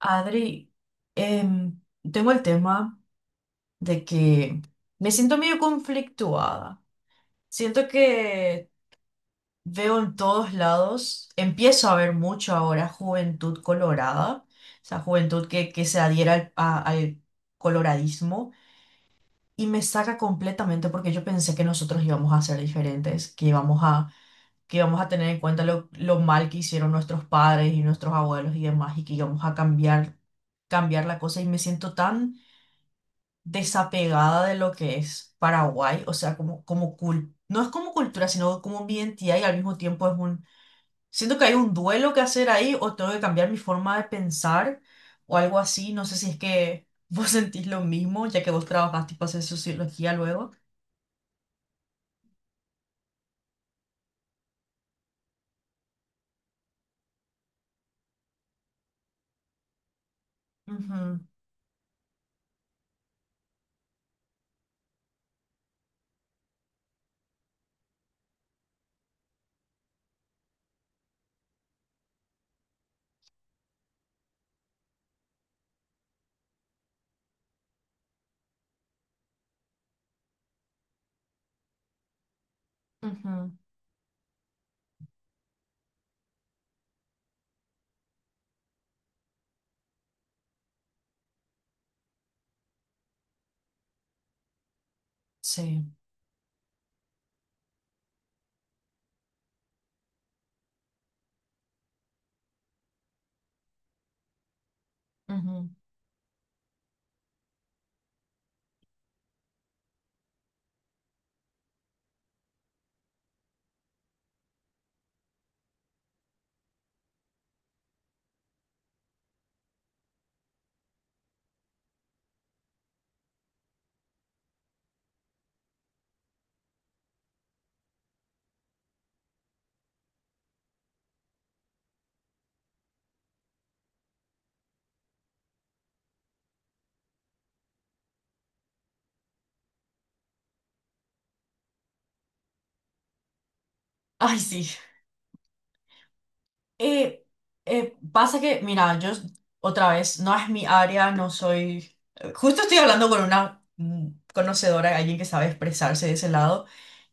Adri, em, tengo el tema de que me siento medio conflictuada. Siento que veo en todos lados, empiezo a ver mucho ahora juventud colorada, o sea, juventud que se adhiera al coloradismo y me saca completamente porque yo pensé que nosotros íbamos a ser diferentes, que íbamos a tener en cuenta lo mal que hicieron nuestros padres y nuestros abuelos y demás y que íbamos a cambiar, cambiar la cosa y me siento tan desapegada de lo que es Paraguay, o sea, como, no es como cultura, sino como mi identidad y al mismo tiempo siento que hay un duelo que hacer ahí o tengo que cambiar mi forma de pensar o algo así. No sé si es que vos sentís lo mismo, ya que vos trabajás tipo hacer sociología luego. Ujú. Ujú. Sí. Ujú. Ay, sí. Eh, pasa que, mira, yo otra vez, no es mi área, no soy. Justo estoy hablando con una conocedora, alguien que sabe expresarse de ese lado,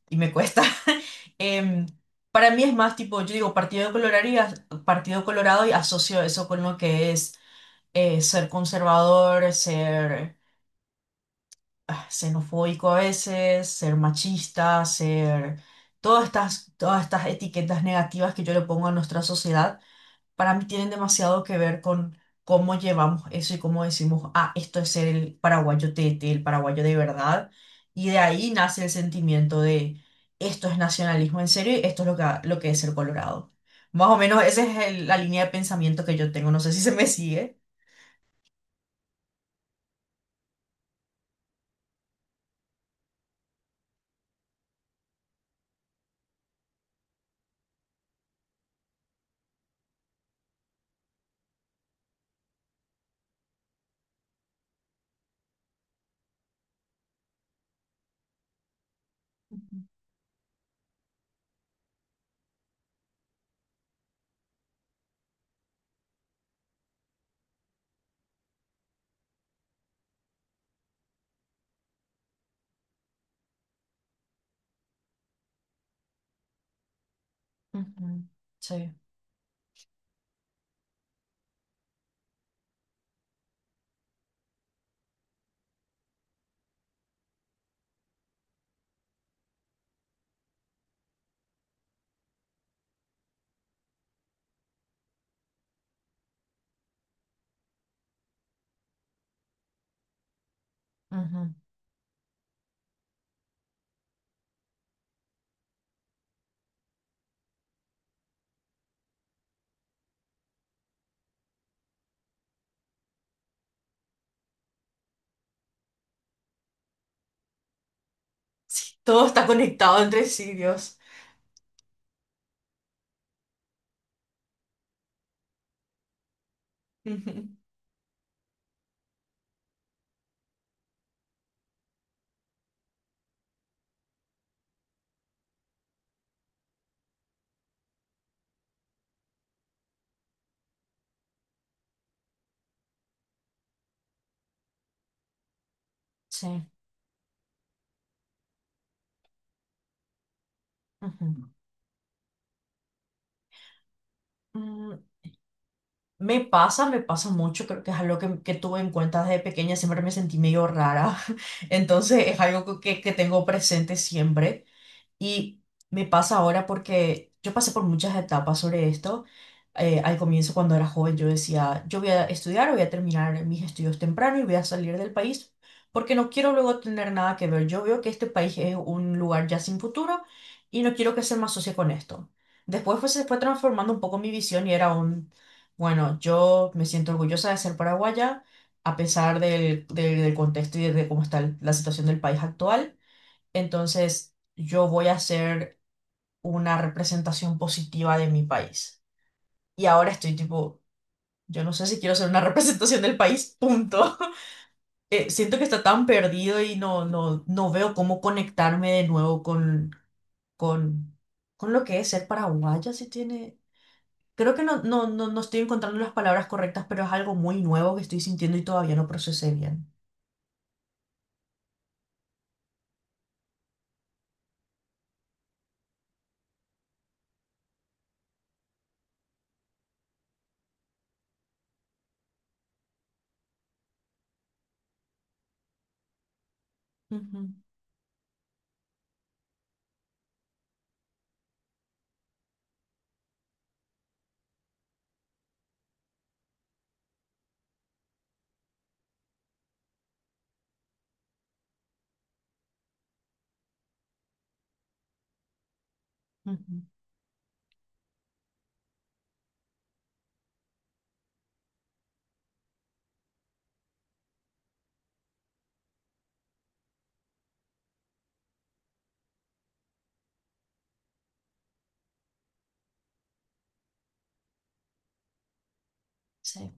y me cuesta. Em, para mí es más tipo, yo digo Partido Colorado y asocio eso con lo que es ser conservador, ser xenofóbico a veces, ser machista, ser. Todas estas etiquetas negativas que yo le pongo a nuestra sociedad para mí tienen demasiado que ver con cómo llevamos eso y cómo decimos, ah, esto es ser el paraguayo tete, el paraguayo de verdad. Y de ahí nace el sentimiento de, esto es nacionalismo en serio y esto es lo que es ser colorado. Más o menos esa es la línea de pensamiento que yo tengo. No sé si se me sigue. Ujú. Ujú. Sí. Ujú. Sí, todo está conectado entre sí, Dios. Ujú. Sí. Ujú. Mm. Me pasa mucho, creo que es algo que tuve en cuenta desde pequeña, siempre me sentí medio rara, entonces es algo que tengo presente siempre. Y me pasa ahora porque yo pasé por muchas etapas sobre esto. Al comienzo, cuando era joven, yo decía, yo voy a estudiar, voy a terminar mis estudios temprano y voy a salir del país porque no quiero luego tener nada que ver. Yo veo que este país es un lugar ya sin futuro y no quiero que se me asocie con esto. Después se fue transformando un poco mi visión y era un, bueno, yo me siento orgullosa de ser paraguaya a pesar del contexto y de cómo está la situación del país actual. Entonces, yo voy a hacer una representación positiva de mi país. Y ahora estoy tipo, yo no sé si quiero hacer una representación del país, punto. Siento que está tan perdido y no veo cómo conectarme de nuevo con, con lo que es ser paraguaya, si tiene. Creo que no estoy encontrando las palabras correctas, pero es algo muy nuevo que estoy sintiendo y todavía no procesé bien. Ujú. Ujú. Sí.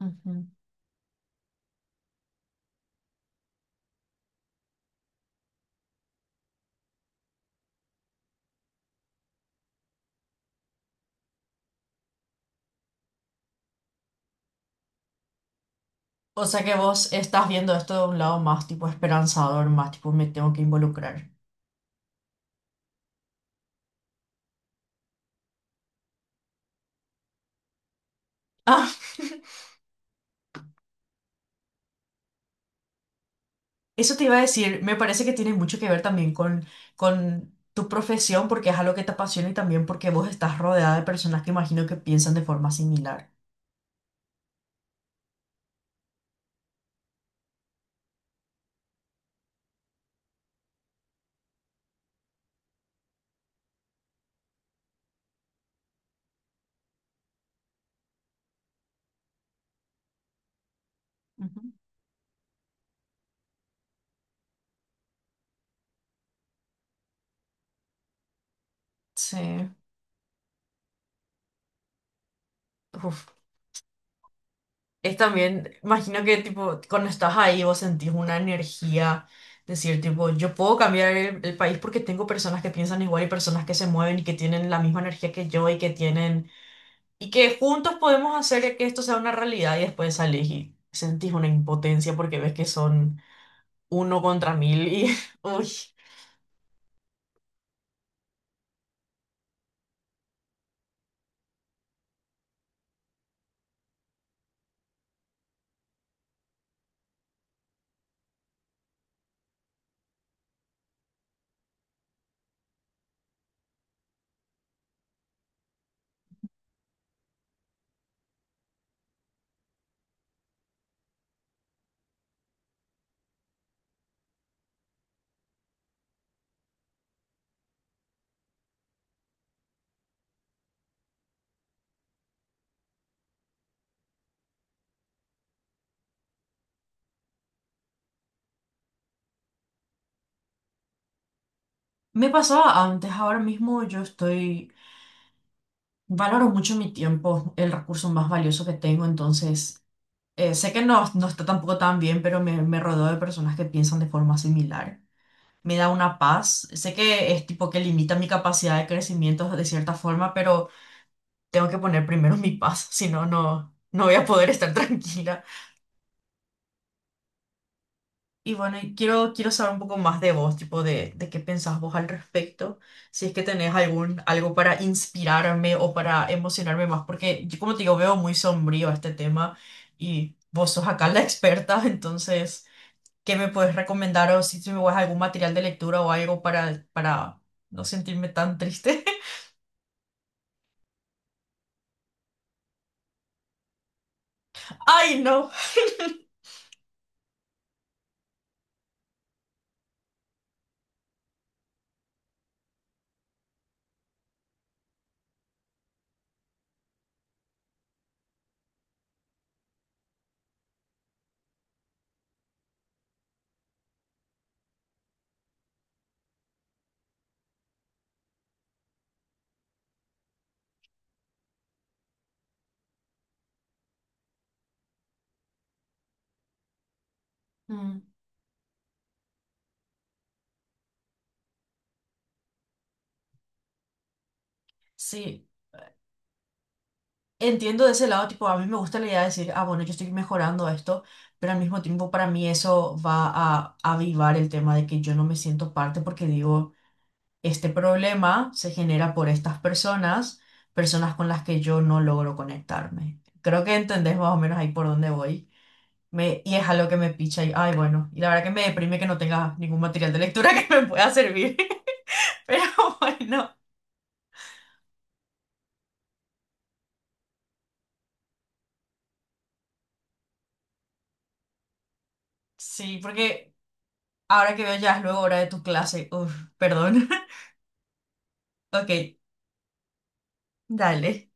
Ujú. O sea que vos estás viendo esto de un lado más tipo esperanzador, más tipo me tengo que involucrar. Eso te iba a decir, me parece que tiene mucho que ver también con tu profesión, porque es algo que te apasiona y también porque vos estás rodeada de personas que imagino que piensan de forma similar. Ujú. Sí. Uf. Es también, imagino que tipo, cuando estás ahí vos sentís una energía, decir tipo, yo puedo cambiar el país porque tengo personas que piensan igual y personas que se mueven y que tienen la misma energía que yo y que tienen, y que juntos podemos hacer que esto sea una realidad y después salís y sentís una impotencia porque ves que son uno contra mil y, uy, me pasaba antes, ahora mismo yo estoy, valoro mucho mi tiempo, el recurso más valioso que tengo, entonces. Sé que no está tampoco tan bien, pero me rodeo de personas que piensan de forma similar. Me da una paz. Sé que es tipo que limita mi capacidad de crecimiento de cierta forma, pero tengo que poner primero mi paz, si no, no voy a poder estar tranquila. Y bueno, y quiero saber un poco más de vos, tipo de qué pensás vos al respecto, si es que tenés algo para inspirarme o para emocionarme más, porque yo como te digo, veo muy sombrío este tema y vos sos acá la experta, entonces. ¿Qué me puedes recomendar o si me guías algún material de lectura o algo para no sentirme tan triste? ¡Ay, no! Mm, sí, entiendo de ese lado, tipo, a mí me gusta la idea de decir, ah, bueno, yo estoy mejorando esto, pero al mismo tiempo para mí eso va a avivar el tema de que yo no me siento parte porque digo, este problema se genera por estas personas, personas con las que yo no logro conectarme. Creo que entendés más o menos ahí por dónde voy. Y es algo que me picha y, ay, bueno, y la verdad que me deprime que no tenga ningún material de lectura que me pueda servir. Pero bueno, sí, porque ahora que veo ya es luego hora de tu clase. Uf, perdón. Ok, dale.